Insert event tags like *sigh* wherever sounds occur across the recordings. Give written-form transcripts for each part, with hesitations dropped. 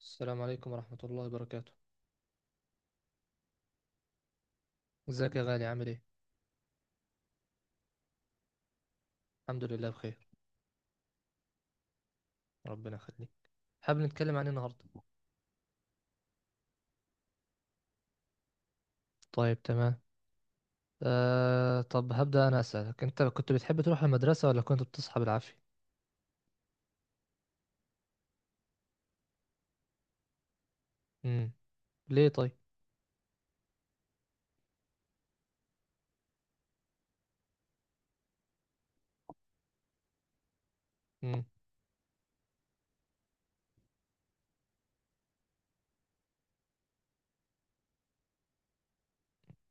السلام عليكم ورحمة الله وبركاته. ازيك يا غالي عامل ايه؟ الحمد لله بخير. ربنا يخليك. حابب نتكلم عن ايه النهاردة؟ طيب تمام. طب هبدأ انا أسألك انت كنت بتحب تروح المدرسة ولا كنت بتصحى بالعافية؟ امم. ليه طيب؟ امم.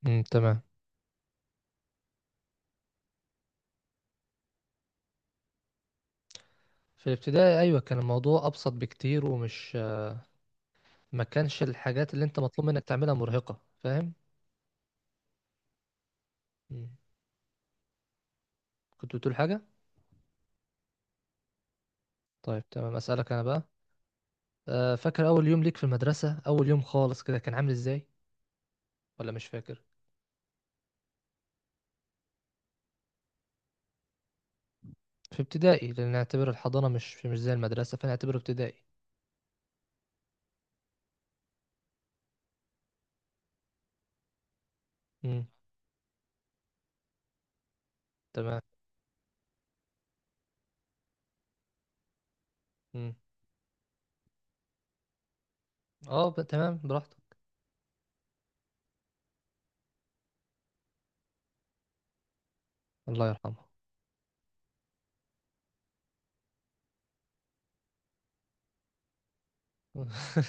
تمام. في الابتدائي ايوه كان الموضوع ابسط بكتير ومش ما كانش الحاجات اللي انت مطلوب منك تعملها مرهقة فاهم؟ امم. كنت بتقول حاجة؟ طيب تمام أسألك انا بقى. فاكر اول يوم ليك في المدرسة اول يوم خالص كده كان عامل ازاي ولا مش فاكر؟ في ابتدائي لان نعتبر الحضانه مش زي المدرسه فنعتبره ابتدائي. امم تمام. امم. تمام براحتك. الله يرحمه. *laughs*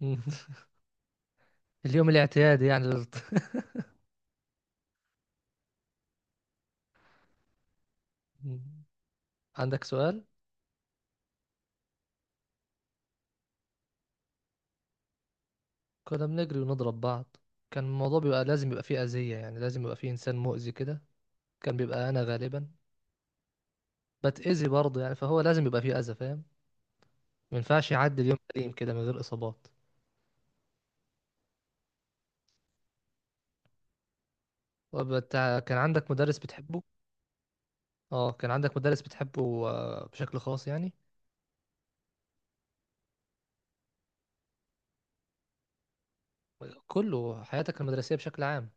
مم. اليوم الاعتيادي يعني *laughs* مم. عندك سؤال. كنا بنجري ونضرب بعض. كان الموضوع بيبقى لازم يبقى فيه اذيه يعني لازم يبقى فيه انسان مؤذي كده. كان بيبقى انا غالبا. بتاذي برضه يعني فهو لازم يبقى فيه اذى فاهم. ما ينفعش يعدي اليوم سليم كده من غير اصابات. كان عندك مدرس بتحبه. اه كان عندك مدرس بتحبه بشكل خاص يعني. كله حياتك المدرسية بشكل عام.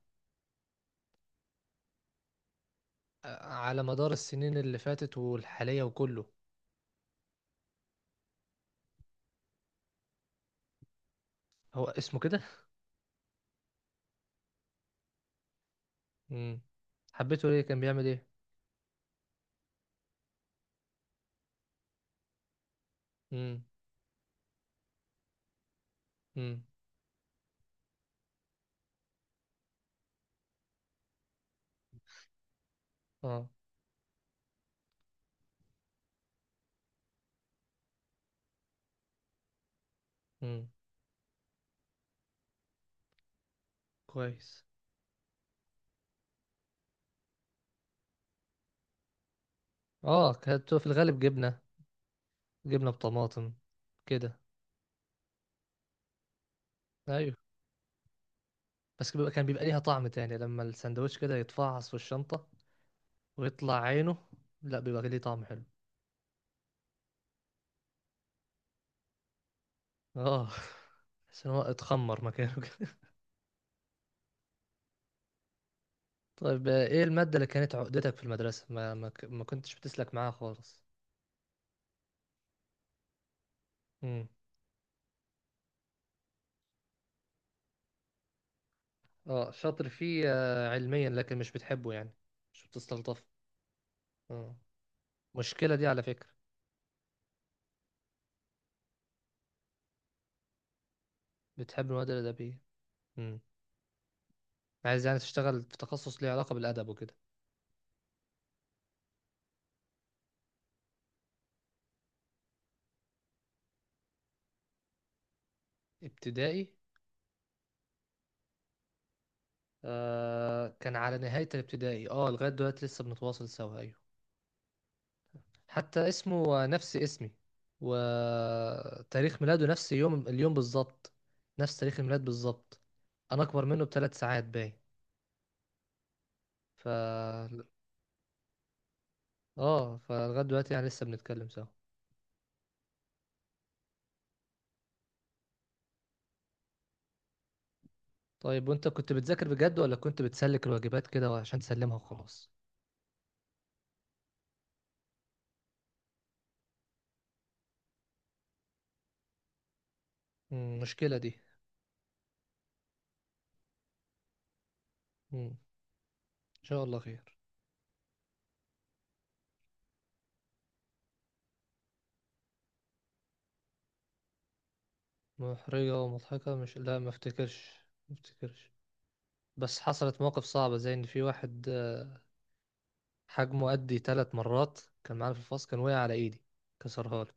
على مدار السنين اللي فاتت والحالية وكله. هو اسمه كده. امم. حبيته ليه كان بيعمل ايه. امم. امم. اه. امم. كويس. اه كانت في الغالب جبنة. جبنة بطماطم. كده. ايوه. بس بيبقى كان بيبقى ليها طعم تاني لما السندوتش كده يتفعص في الشنطة ويطلع عينه. لا بيبقى ليه طعم حلو. اه. *laughs* بس إن هو اتخمر مكانه. طيب ايه المادة اللي كانت عقدتك في المدرسة ما كنتش بتسلك معاها خالص. امم. اه شاطر فيه علميا لكن مش بتحبه يعني. مش بتستلطفه. اه. المشكلة دي على فكرة. بتحب المواد الأدبية. امم. عايز يعني تشتغل في تخصص ليه علاقة بالأدب وكده. ابتدائي. كان على نهاية الابتدائي لغاية دلوقتي لسه بنتواصل سوا أيوة. حتى اسمه نفس اسمي. وتاريخ ميلاده نفس يوم اليوم بالظبط. نفس تاريخ الميلاد بالظبط. انا اكبر منه بـ 3 ساعات باين. ف اه فلغايه دلوقتي يعني لسه بنتكلم سوا. طيب وانت كنت بتذاكر بجد ولا كنت بتسلك الواجبات كده عشان تسلمها وخلاص. مشكله دي. ان شاء الله خير. محرجه ومضحكه مش لا ما افتكرش. ما افتكرش. بس حصلت مواقف صعبه زي ان في واحد حجمه قدي 3 مرات كان معانا في الفصل كان وقع على ايدي. كسرها لي.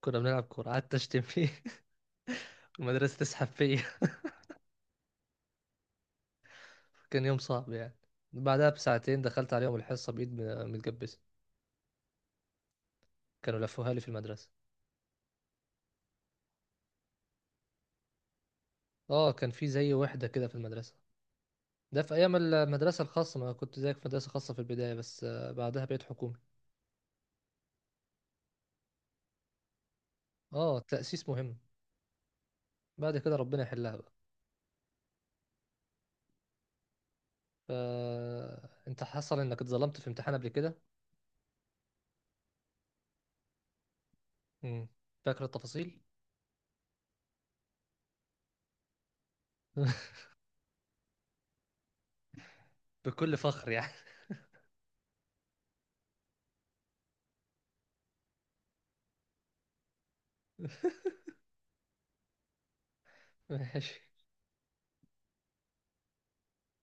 كنا بنلعب كورة قعدت اشتم فيه. *laughs* المدرسة تسحب فيا. *laughs* كان يوم صعب يعني. بعدها بساعتين دخلت عليهم الحصة بإيد متجبسة. كانوا لفوها لي في المدرسة. اه كان في زي وحدة كده في المدرسة. ده في أيام المدرسة الخاصة ما كنت زيك في مدرسة خاصة في البداية بس بعدها بقيت حكومي. اه التأسيس مهم. بعد كده ربنا يحلها بقى. ف... انت حصل انك اتظلمت في امتحان قبل كده. مم. فاكر التفاصيل. *laughs* بكل فخر يعني. *laughs* ماشي.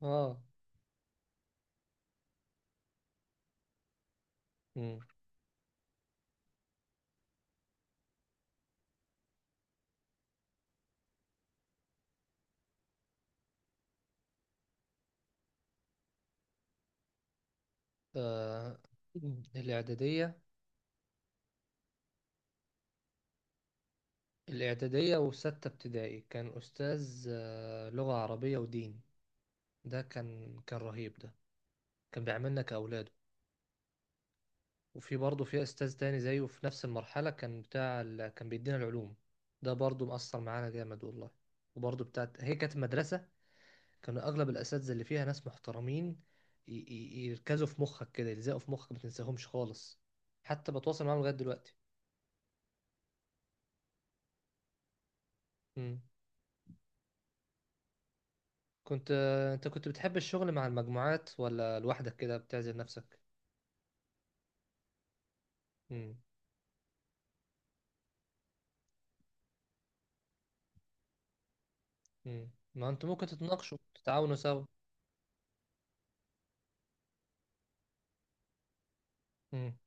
اه. مم. آه، الإعدادية. الإعدادية وستة ابتدائي كان أستاذ لغة عربية ودين. ده كان رهيب ده. كان بيعاملنا كأولاده. وفي برضه في أستاذ تاني زيه في نفس المرحلة كان بيدينا العلوم. ده برضه مأثر معانا جامد والله. وبرضه بتاعت هي كانت مدرسة. كانوا أغلب الأساتذة اللي فيها ناس محترمين. يركزوا في مخك كده يلزقوا في مخك ما تنساهمش خالص. حتى بتواصل معاهم لغاية دلوقتي. كنت آه، انت كنت بتحب الشغل مع المجموعات ولا لوحدك كده بتعزل نفسك. امم. ما انتوا ممكن تتناقشوا تتعاونوا سوا. امم.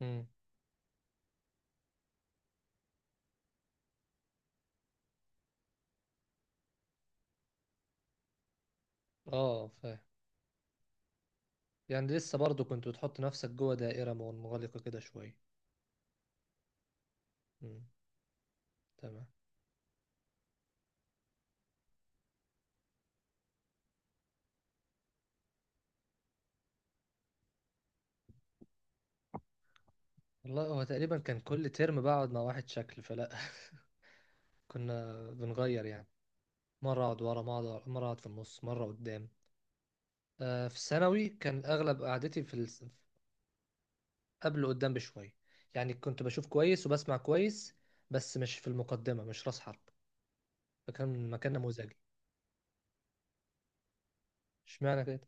امم. اه فاهم. يعني لسه برضو كنت بتحط نفسك جوه دائرة منغلقة كده شوية. امم. تمام. والله هو تقريبا كان كل ترم بقعد مع واحد شكل فلا. *laughs* كنا بنغير يعني. مرة اقعد ورا مرة أقعد في النص مرة قدام. في الثانوي كان اغلب قعدتي قبله قدام بشوية. يعني كنت بشوف كويس وبسمع كويس. بس مش في المقدمة مش راس حرب. فكان مكان نموذجي. اشمعنى كده.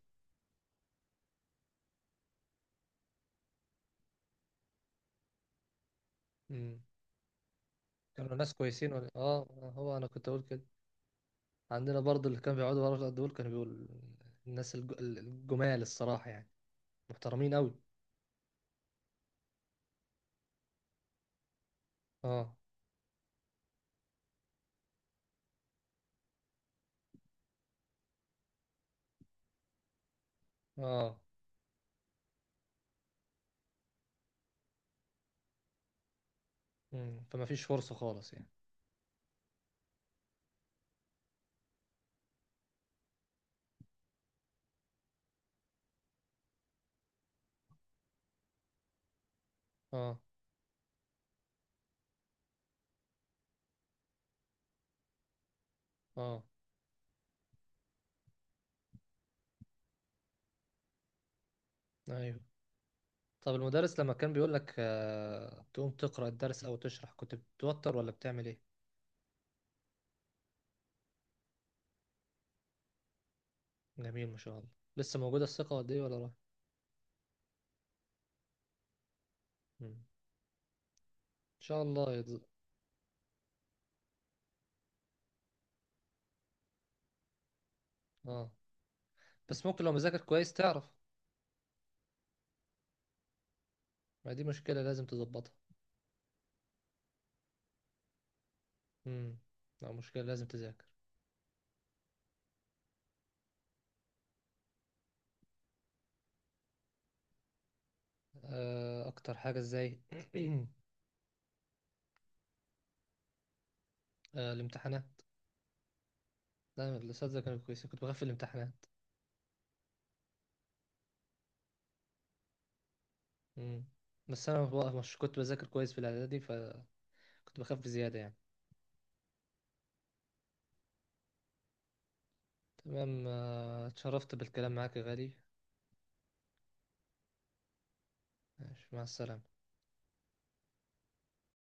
امم. كانوا ناس كويسين ولا اه. هو انا كنت اقول كده. عندنا برضه اللي كانوا بيقعدوا ورا دول كانوا بيقول الناس الجمال الصراحة يعني. محترمين قوي. اه. اه. امم. فما فيش فرصة خالص يعني. اه. اه. ايوه. طب المدرس لما كان بيقول لك تقوم تقرأ الدرس او تشرح كنت بتتوتر ولا بتعمل ايه. جميل ما شاء الله. لسه موجودة الثقة قد ايه ولا راح. مم. ان شاء الله اه. بس ممكن لو مذاكر كويس تعرف. ما دي مشكلة لازم تظبطها. امم. لا مشكلة لازم تذاكر. اكتر حاجة ازاي *clears throat* الامتحانات. لا الاساتذة كانوا كويسين كنت بخاف في الامتحانات. امم. بس انا بقى مش كنت بذاكر كويس في الاعدادي فكنت بخاف زيادة يعني. تمام اتشرفت بالكلام معاك يا غالي. ماشي، مع السلامة.